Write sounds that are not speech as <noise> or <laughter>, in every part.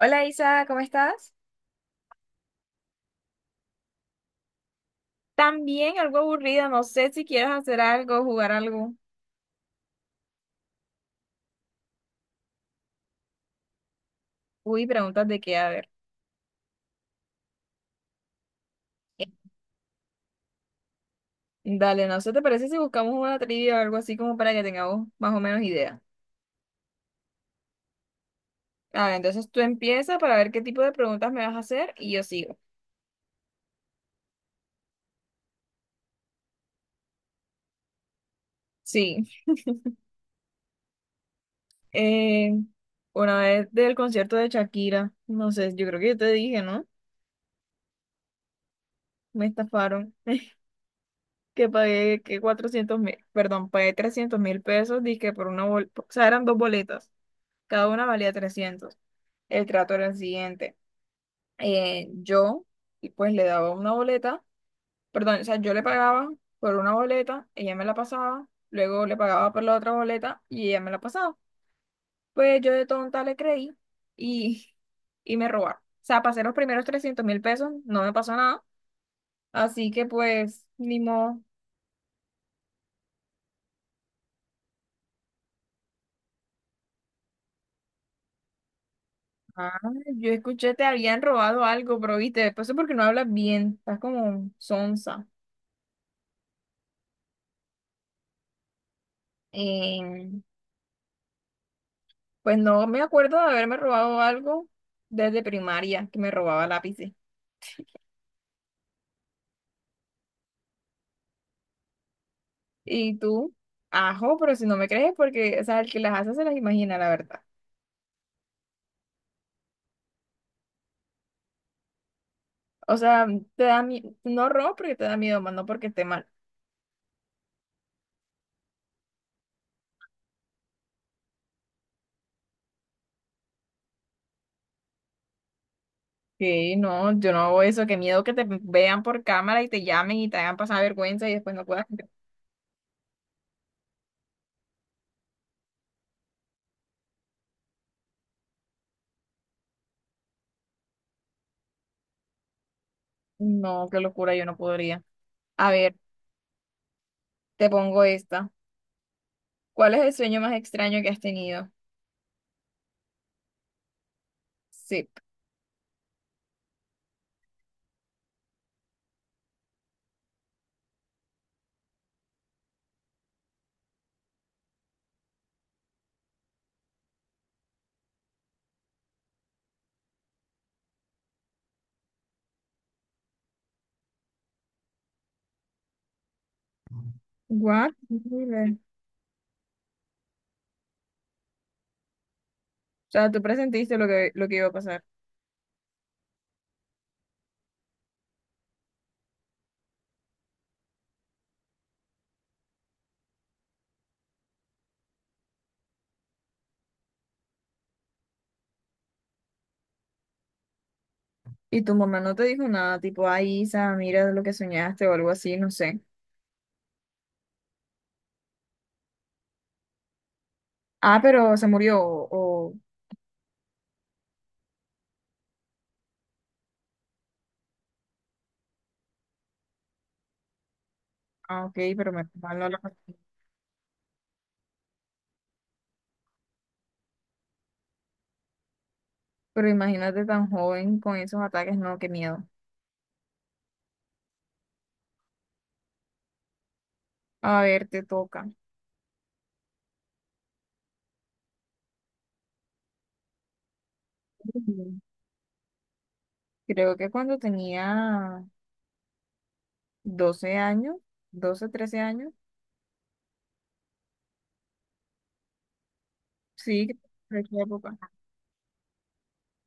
Hola Isa, ¿cómo estás? También algo aburrida, no sé si quieres hacer algo, jugar algo. Uy, preguntas de qué, a ver. Dale, no sé, ¿te parece si buscamos una trivia o algo así como para que tengamos más o menos idea? A ver, entonces tú empiezas para ver qué tipo de preguntas me vas a hacer y yo sigo. Sí, eh, una vez del concierto de Shakira, no sé, yo creo que yo te dije, ¿no? Me estafaron, <laughs> que pagué que 400.000, perdón, pagué 300.000 pesos, dije por una boleta, o sea, eran dos boletas. Cada una valía 300. El trato era el siguiente. Eh, yo, y pues le daba una boleta, perdón, o sea, yo le pagaba por una boleta, ella me la pasaba, luego le pagaba por la otra boleta y ella me la pasaba. Pues yo de tonta le creí y, <laughs> y me robaron. O sea, pasé los primeros 300.000 pesos, no me pasó nada, así que pues, ni modo. Ah, yo escuché, te habían robado algo, pero viste, después es porque no hablas bien, estás como sonsa. Eh, Pues no me acuerdo de haberme robado algo desde primaria, que me robaba lápices. Y tú, ajo, pero si no me crees, porque, o sea, el que las hace se las imagina, la verdad. O sea, te da miedo, no robas porque te da miedo, más no porque esté mal. Sí, no, yo no hago eso, qué miedo que te vean por cámara y te llamen y te hagan pasar vergüenza y después no puedas. No, qué locura, yo no podría. A ver, te pongo esta. ¿Cuál es el sueño más extraño que has tenido? Sí. What? Horrible. O sea, tú presentiste lo que iba a pasar. Y tu mamá no te dijo nada, tipo, ay, Isa, mira lo que soñaste o algo así, no sé. Ah, pero se murió, o- ah, ok, pero me mal no lo conté. Pero imagínate tan joven con esos ataques, no, qué miedo. A ver, te toca. Ujú. Creo que cuando tenía 12 años, 12 13 años, sí, creo esa época.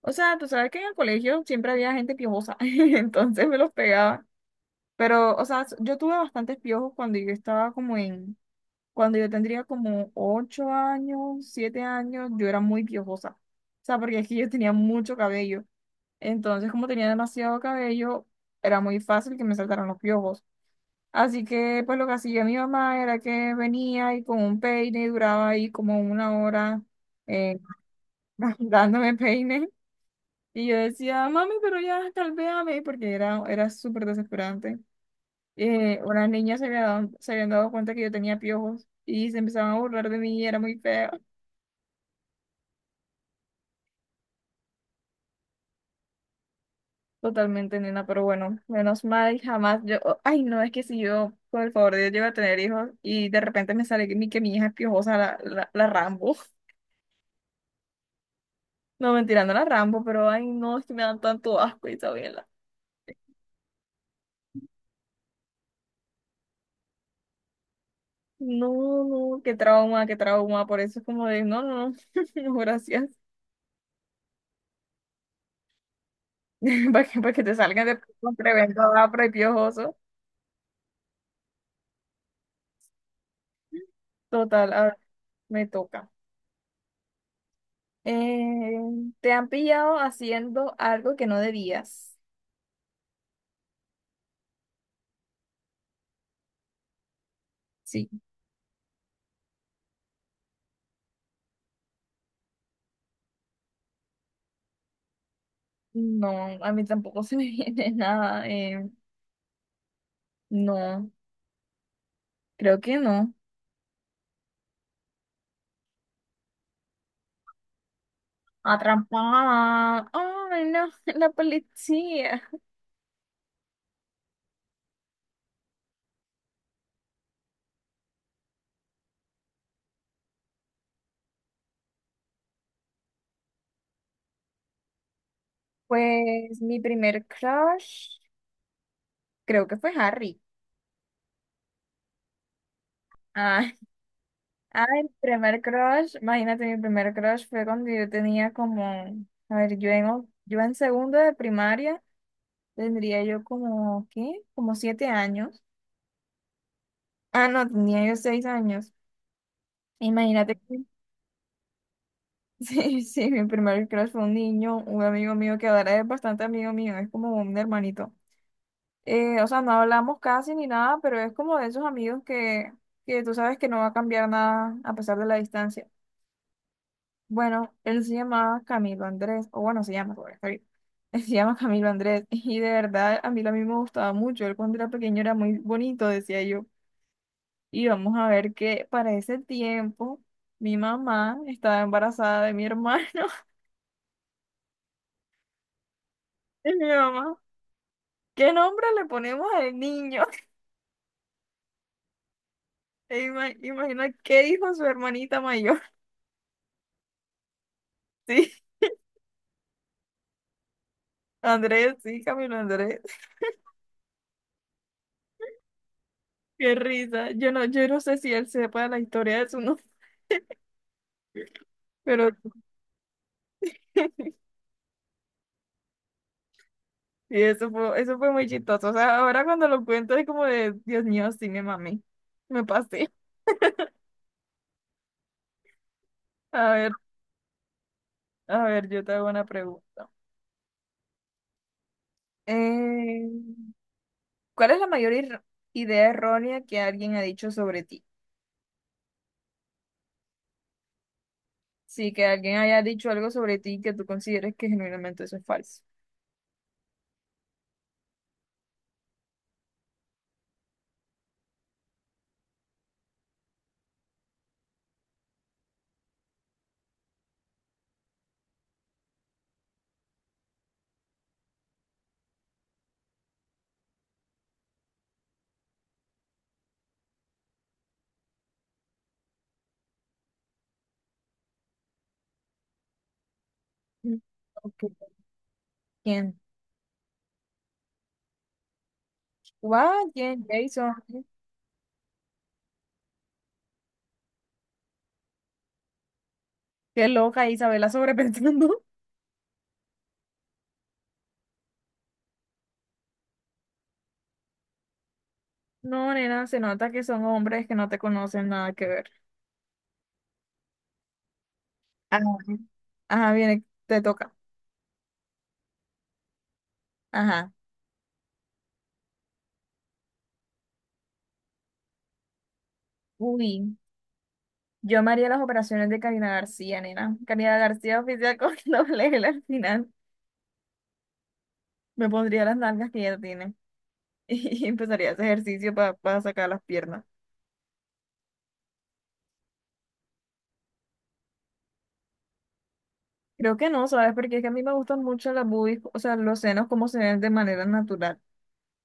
O sea, tú sabes que en el colegio siempre había gente piojosa, <laughs> entonces me los pegaba. Pero, o sea, yo tuve bastantes piojos cuando yo estaba como en. Cuando yo tendría como 8 años, 7 años, yo era muy piojosa. O sea, porque es que yo tenía mucho cabello. Entonces, como tenía demasiado cabello, era muy fácil que me saltaran los piojos. Así que, pues lo que hacía mi mamá era que venía y con un peine y duraba ahí como una hora eh, <laughs> dándome peine. Y yo decía, mami, pero ya calvéame, porque era, era súper desesperante. Unas niñas se habían dado cuenta que yo tenía piojos y se empezaban a burlar de mí y era muy feo. Totalmente, nena, pero bueno, menos mal, jamás yo, oh, ay no, es que si yo, por el favor de Dios, llego a tener hijos y de repente me sale que mi, hija es piojosa, la Rambo, <laughs> no, mentira, no la Rambo, pero ay no, es que me dan tanto asco, Isabela, no, no, qué trauma, por eso es como de, no, no, no, <laughs> no, gracias, <laughs> para que te salgan de con tremendo apro y piojoso, total, a ver, me toca. Eh, Te han pillado haciendo algo que no debías, sí. No, a mí tampoco <laughs> se me viene nada. No, creo que no. Atrapada. Ay, no, <laughs> la policía. Pues mi primer crush, creo que fue Harry. Ah, <laughs> ah, el primer crush, imagínate, mi primer crush fue cuando yo tenía como, a ver, yo en segundo de primaria tendría yo como, ¿qué? Como 7 años. Ah, no, tenía yo 6 años. Imagínate. <laughs> Sí, sí, mi primer crush fue un niño, un amigo mío que ahora es bastante amigo mío, es como un hermanito. O sea, no hablamos casi ni nada, pero es como de esos amigos que tú sabes que no va a cambiar nada a pesar de la distancia. Bueno, él se llama Camilo Andrés, o bueno, se llama, porque está bien. <laughs> Él se llama Camilo Andrés, <laughs> y de verdad a mí lo mismo me gustaba mucho. Él cuando era pequeño era muy bonito, decía yo. Y vamos a ver que para ese tiempo mi mamá estaba embarazada de mi hermano. <laughs> Y mi mamá, ¿qué nombre le ponemos al niño? <laughs> E imagina qué dijo su hermanita mayor. <laughs> Sí, Andrés, sí, Camilo Andrés. Qué risa. Yo no sé si él sepa la historia de su nombre, pero <laughs> sí, eso fue muy chistoso. O sea, ahora cuando lo cuento es como de, Dios mío, sí, me mami. Me pasé. A ver, a ver, yo te hago una pregunta. Eh, ¿Cuál es la mayor idea errónea que alguien ha dicho sobre ti? Sí, que alguien haya dicho algo sobre ti que tú consideres que genuinamente eso es falso. Mm, ok. ¿Quién? Guau, ¿quién? Jason. Qué loca Isabela sobrepensando. <laughs> No, nena, se nota que son hombres que no te conocen nada que ver. Ajá. Ajá, viene, te toca. Ajá. Uy, yo me haría las operaciones de Karina García, nena. Karina García oficial con <laughs> doble L al final. Me pondría las nalgas que ella tiene <laughs> y empezaría ese ejercicio para sacar las piernas. Creo que no, ¿sabes? Porque es que a mí me gustan mucho las boobies, o sea, los senos como se ven de manera natural.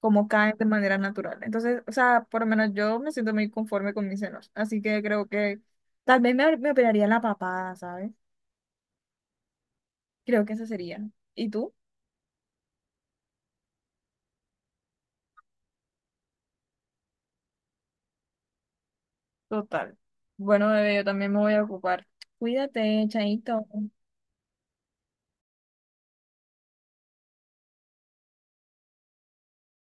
Como caen de manera natural. Entonces, o sea, por lo menos yo me siento muy conforme con mis senos. Así que creo que tal vez me operaría la papada, ¿sabes? Creo que esa sería. ¿Y tú? Total. Bueno, bebé, yo también me voy a ocupar. Cuídate, chaito.